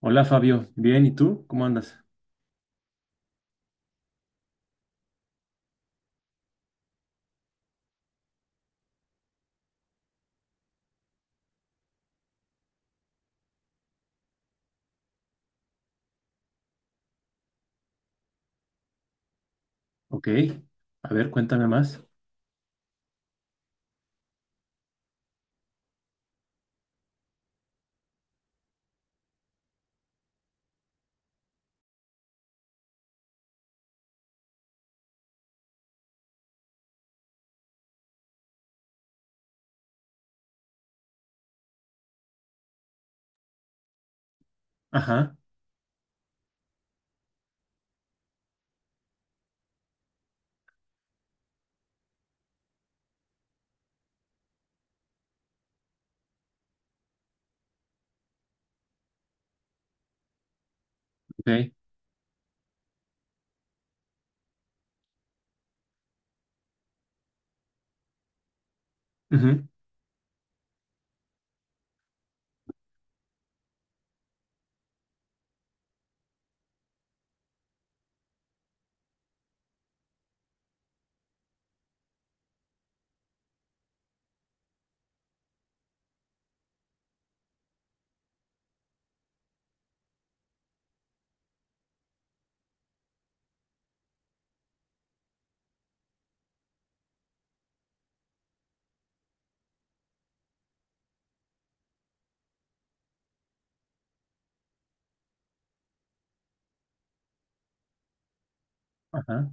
Hola Fabio, bien, ¿y tú? ¿Cómo andas? Ok, a ver, cuéntame más. Ajá, ok, ujú, ajá.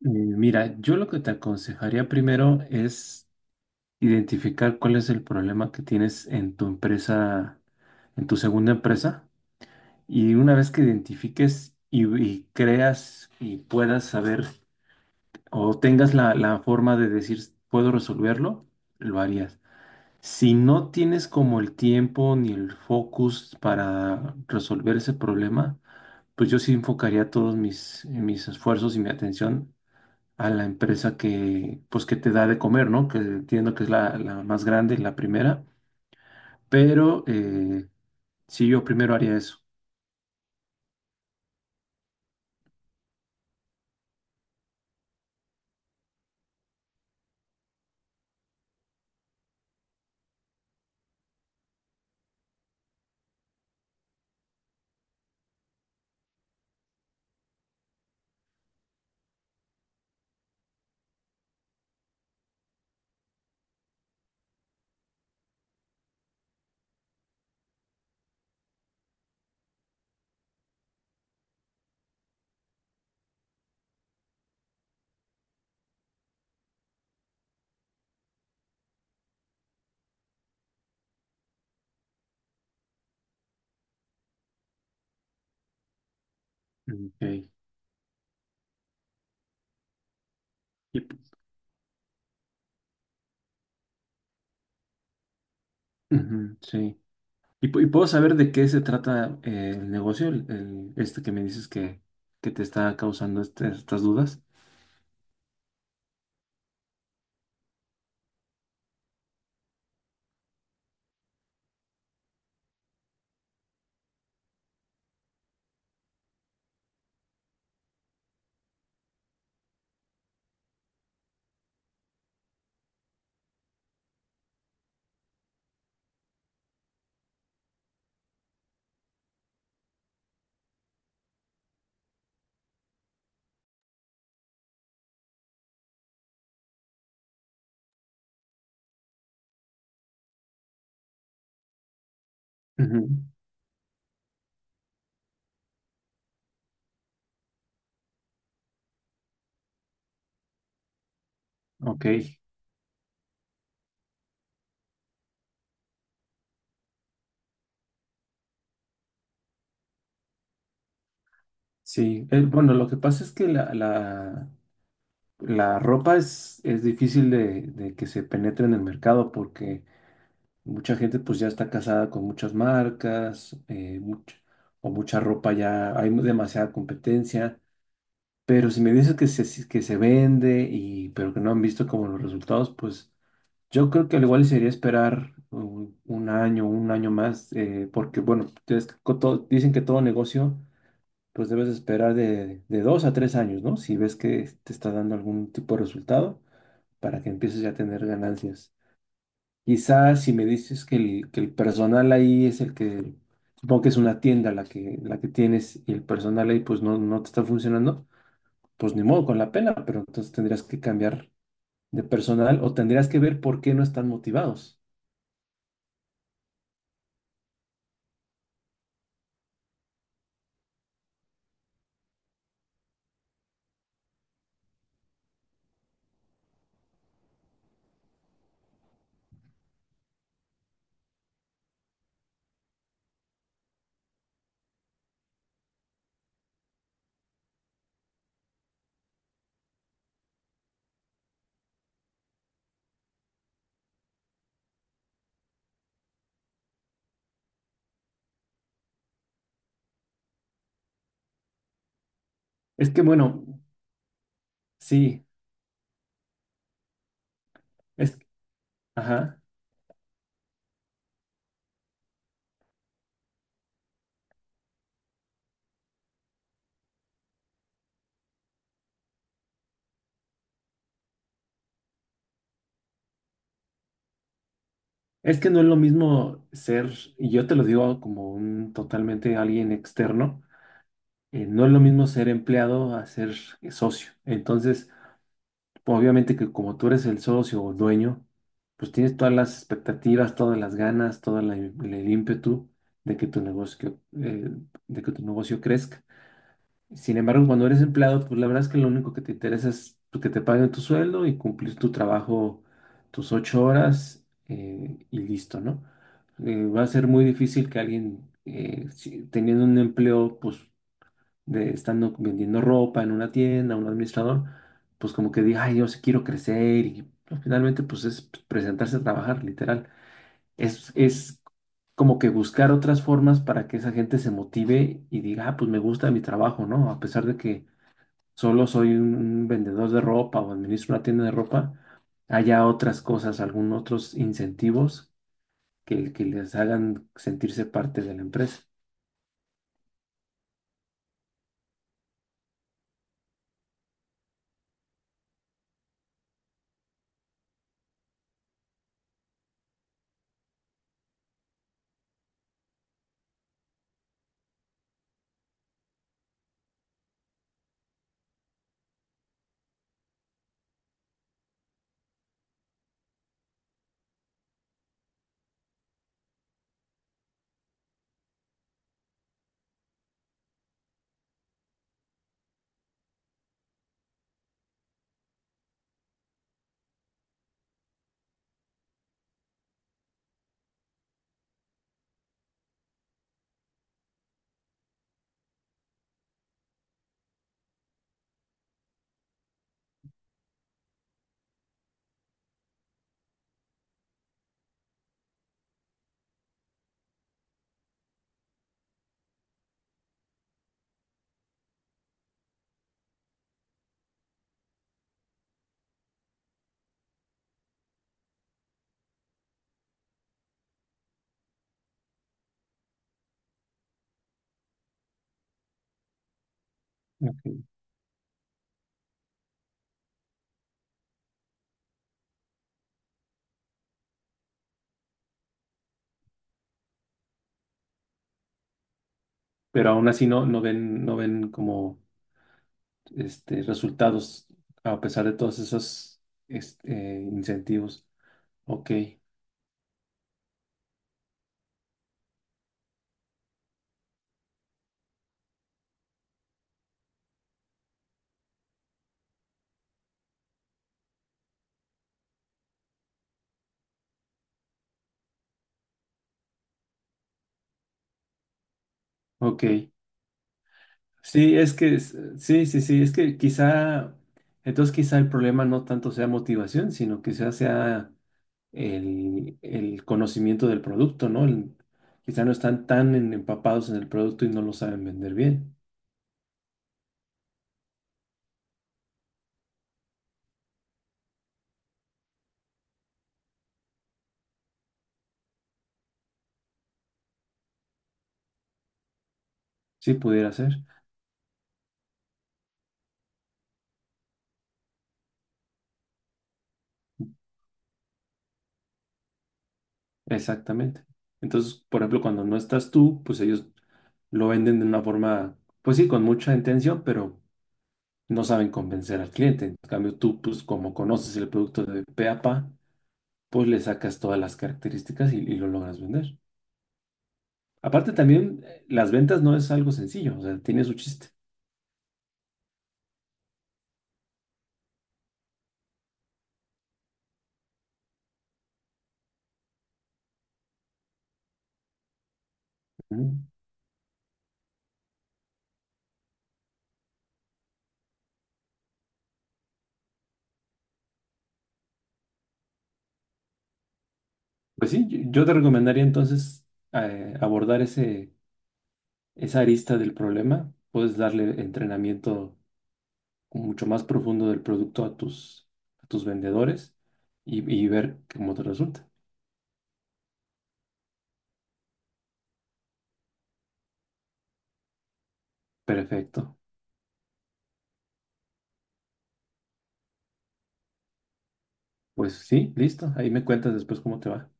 Mira, yo lo que te aconsejaría primero es identificar cuál es el problema que tienes en tu empresa, en tu segunda empresa, y una vez que identifiques y creas y puedas saber o tengas la forma de decir, puedo resolverlo, lo harías. Si no tienes como el tiempo ni el focus para resolver ese problema, pues yo sí enfocaría todos mis esfuerzos y mi atención a la empresa que, pues que te da de comer, ¿no? Que entiendo que es la más grande, la primera, pero sí, yo primero haría eso. Ok. Y, p- Ujú, sí. Y puedo saber de qué se trata el negocio, este que me dices que te está causando estas dudas. Ujú. Ok. Sí, bueno, lo que pasa es que la ropa es difícil de que se penetre en el mercado porque mucha gente pues ya está casada con muchas marcas o mucha ropa ya, hay demasiada competencia, pero si me dices que se, si- que se vende y pero que no han visto como los resultados, pues yo creo que al igual sería esperar un, un año más, porque bueno, es que dicen que todo negocio pues debes esperar de 2 a 3 años, ¿no? Si ves que te está dando algún tipo de resultado para que empieces ya a tener ganancias. Quizás si me dices que el personal ahí es el que, supongo que es una tienda la que tienes y el personal ahí pues no, no te está funcionando, pues ni modo con la pena, pero entonces tendrías que cambiar de personal o tendrías que ver por qué no están motivados. Es que bueno, sí, es, ajá. Es que no es lo mismo ser, y yo te lo digo como un totalmente alguien externo, no es lo mismo ser empleado a ser socio. Entonces, obviamente que como tú eres el socio o dueño, pues tienes todas las expectativas, todas las ganas, todo el ímpetu de que tu negocio, de que tu negocio crezca. Sin embargo, cuando eres empleado, pues la verdad es que lo único que te interesa es pues, que te paguen tu sueldo y cumplir tu trabajo, tus 8 horas y listo, ¿no? Va a ser muy difícil que alguien, teniendo un empleo, pues de estando vendiendo ropa en una tienda, un administrador, pues como que diga, ay, yo sí quiero crecer y pues, finalmente pues es presentarse a trabajar, literal. Es como que buscar otras formas para que esa gente se motive y diga, ah, pues me gusta mi trabajo, ¿no? A pesar de que solo soy un vendedor de ropa o administro una tienda de ropa, haya otras cosas, algún otros incentivos que les hagan sentirse parte de la empresa. Ok. Pero aún así no, no ven, no ven como resultados a pesar de todos esos este, incentivos. Ok, ok. Sí, es que, sí, sí, sí, es que quizá, entonces quizá el problema no tanto sea motivación, sino quizá sea el conocimiento del producto, ¿no? El quizá no están tan empapados en el producto y no lo saben vender bien. Sí, pudiera ser, exactamente. Entonces, por ejemplo, cuando no estás tú, pues ellos lo venden de una forma, pues sí, con mucha intención, pero no saben convencer al cliente. En cambio, tú, pues como conoces el producto de pe a pa, pues le sacas todas las características y lo logras vender. Aparte, también las ventas no es algo sencillo, o sea, tiene su chiste. ¿No? Pues sí, yo te recomendaría entonces abordar esa arista del problema. Puedes darle entrenamiento mucho más profundo del producto a tus vendedores y ver cómo te resulta. Perfecto. Pues sí, listo. Ahí me cuentas después cómo te va.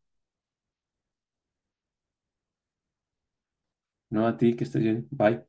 No a ti, que estés bien. Bye.